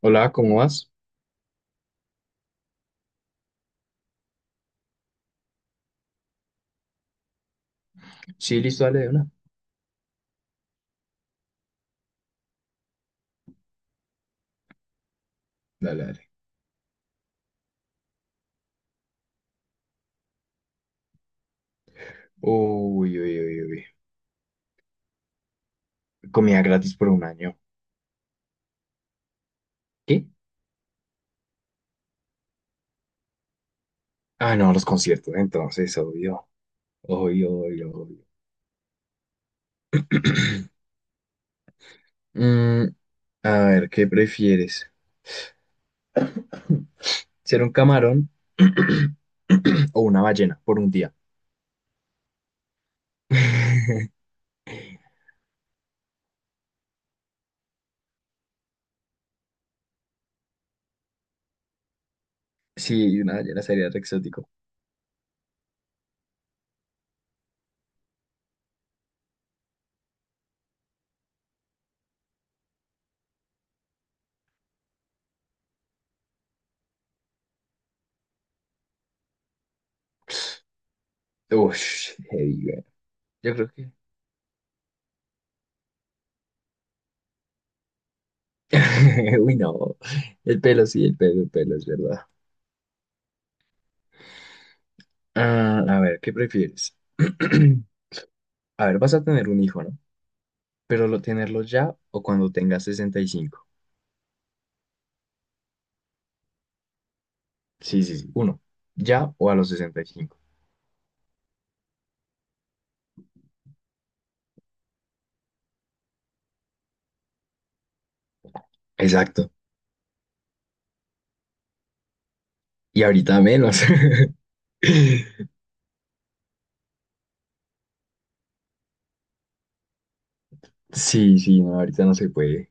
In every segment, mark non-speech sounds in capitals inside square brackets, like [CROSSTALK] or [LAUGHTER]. Hola, ¿cómo vas? Sí, listo, dale de una. Dale, dale. Uy, uy, uy, uy. Comida gratis por un año. ¿Qué? Ah, no, los conciertos, entonces, obvio. Obvio, obvio, obvio. [CLEARS THROAT] Mm, a ver, ¿qué prefieres? [CLEARS THROAT] ¿Ser un camarón [CLEARS THROAT] o una ballena por un día? [LAUGHS] Sí, una ballena sería re exótico. Ush, heavy, güey. Yo creo que. [LAUGHS] Uy, no. El pelo, sí, el pelo, es verdad. Ah, a ver, ¿qué prefieres? [CLEARS THROAT] A ver, vas a tener un hijo, ¿no? Pero tenerlo ya o cuando tengas 65. Sí, sí, sí. Uno, ya o a los 65. Exacto. Y ahorita menos. [LAUGHS] Sí, sí, no, ahorita no se puede.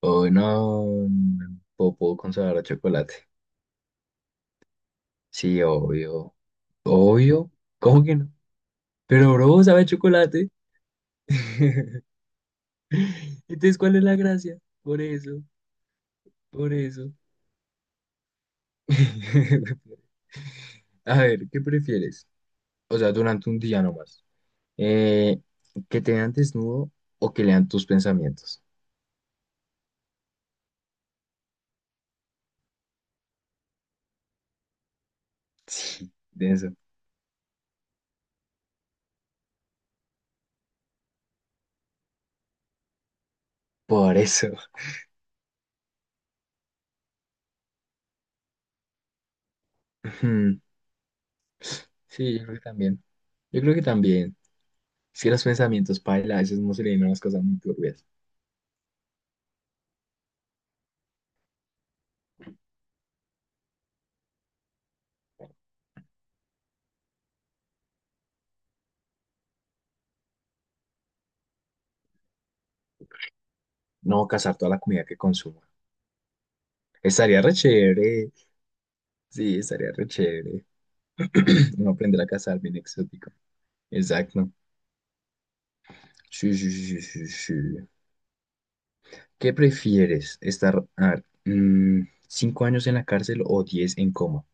O no, no, o puedo con sabor a chocolate. Sí, obvio. Obvio. ¿Cómo que no? Pero, bro, sabe a chocolate. [LAUGHS] Entonces, ¿cuál es la gracia? Por eso, por eso. [LAUGHS] A ver, ¿qué prefieres? O sea, durante un día nomás. Eh, ¿que te vean desnudo o que lean tus pensamientos? Sí, denso. Por eso. [LAUGHS] Ujú. Sí, yo creo que también. Yo creo que también. Es que los pensamientos, paila, a veces no se le vienen las cosas muy turbias. No cazar toda la comida que consuma. Estaría re chévere. Sí, estaría re chévere. [CLEARS THROAT] Uno aprender a cazar bien exótico. Exacto. Sí, sí, sí, sí, sí. ¿Qué prefieres? ¿Estar a ver, mm, 5 años en la cárcel o 10 en coma?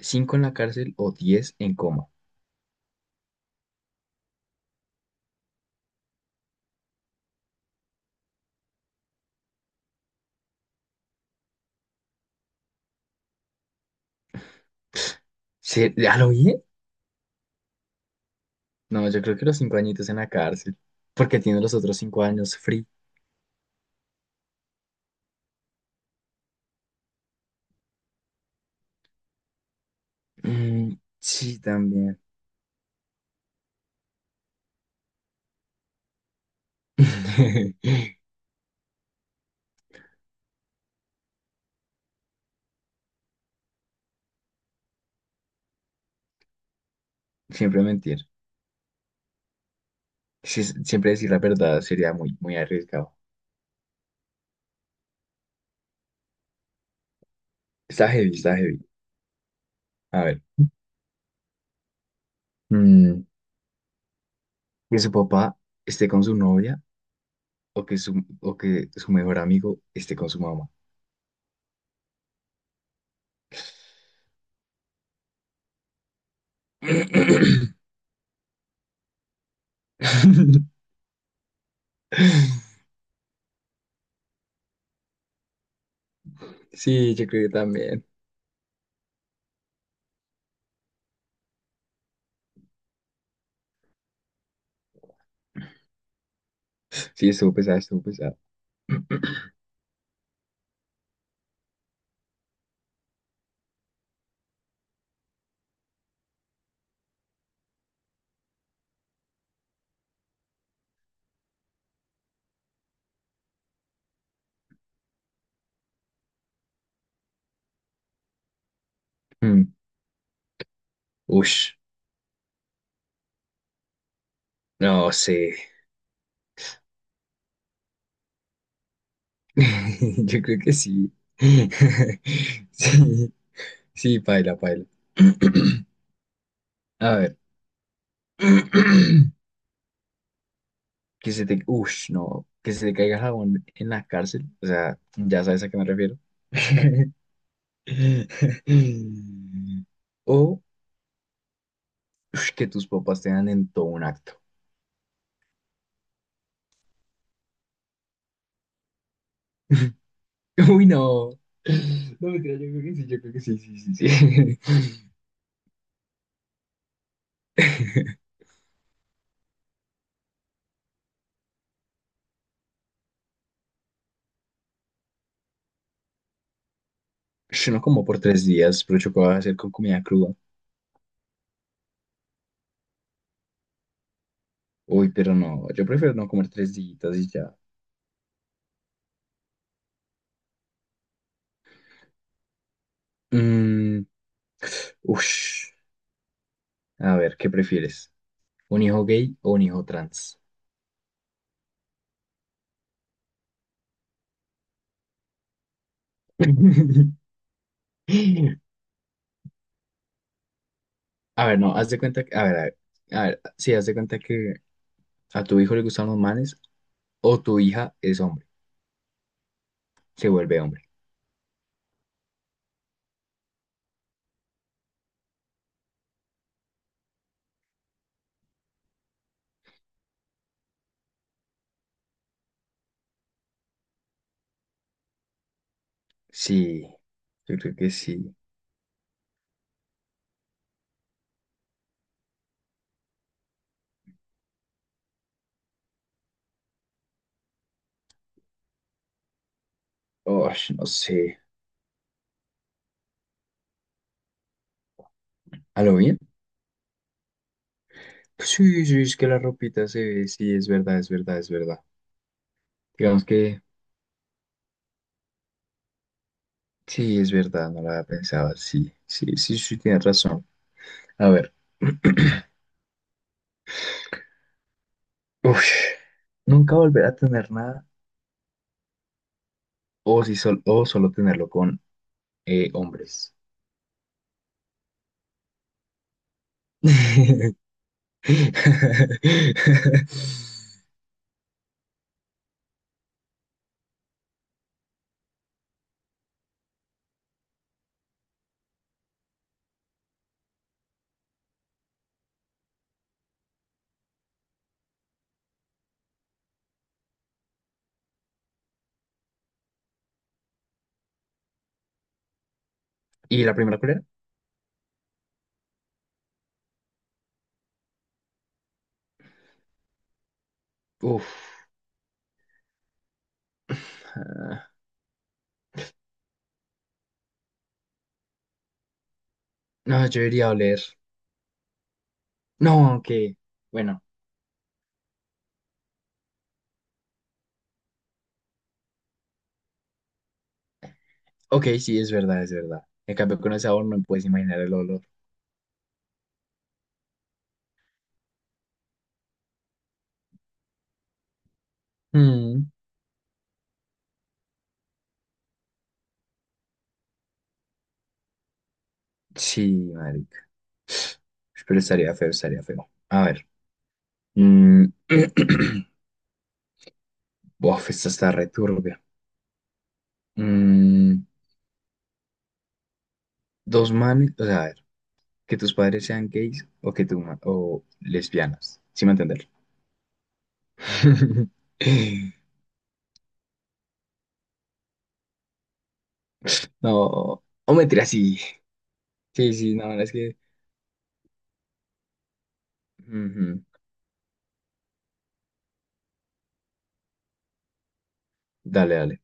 ¿Cinco en la cárcel o 10 en coma? ¿Ya lo oí? No, yo creo que los 5 añitos en la cárcel. Porque tiene los otros 5 años free. Mm, sí, también. [LAUGHS] Siempre mentir. Sí, siempre decir la verdad sería muy, muy arriesgado. Está heavy, está heavy. A ver. mm, que su papá esté con su novia o que su, o que su mejor amigo esté con su mamá. [CLEARS THROAT] [LAUGHS] Sí, yo creo que también. Sí, estuvo pesado, estuvo pesado. Mm. [CLEARS THROAT] Ush, no sé. [LAUGHS] Yo creo que sí. [LAUGHS] Sí, sí, paila, paila. [CLEARS THROAT] A ver. [CLEARS THROAT] Que se te... Ush, no. Que se te caiga jabón en la cárcel. O sea, ya sabes a qué me refiero. [LAUGHS] O ush, que tus papás te dan en todo un acto. [LAUGHS] [LAUGHS] Uy, no. No, me creo yo creo que sí, yo creo que sí, sí, sí, sí. [LAUGHS] Yo no como por 3 días, pero yo puedo hacer con comida cruda. Uy, pero no, yo prefiero no comer 3 días y ya. Mm, ush. A ver, ¿qué prefieres? ¿Un hijo gay o un hijo trans? [LAUGHS] A ver, no, haz de cuenta que, a ver, a ver, a ver, sí, haz de cuenta que a tu hijo le gustan los manes o tu hija es hombre, se vuelve hombre. Sí, yo creo que sí. Ush, no sé. ¿A lo bien? Sí, sí, es que la ropita se ve, sí, es verdad, es verdad, es verdad. Digamos que sí, es verdad, no la había pensado, sí, sí, sí, sí, tienes razón. A ver, [CLEARS THROAT] uf, nunca volver a tener nada o, si sol- o solo tenerlo con hombres. [LAUGHS] ¿Y la primera cuál era? Uf, ah, no, yo iría a oler. No, aunque, bueno, ok, sí, es verdad, es verdad. En cambio, con el sabor no me puedes imaginar el olor. Sí, marica. Pero estaría feo, estaría feo. A ver. Mm. [CLEARS THROAT] Bof, esta está re turbia. Mm, Dos manes, o sea, a ver, que tus padres sean gays o que tú, ma- o lesbianas. ¿Sí me entender? [LAUGHS] No, o mentira, sí. Sí, sí, no, es que... Ujú. Dale, dale.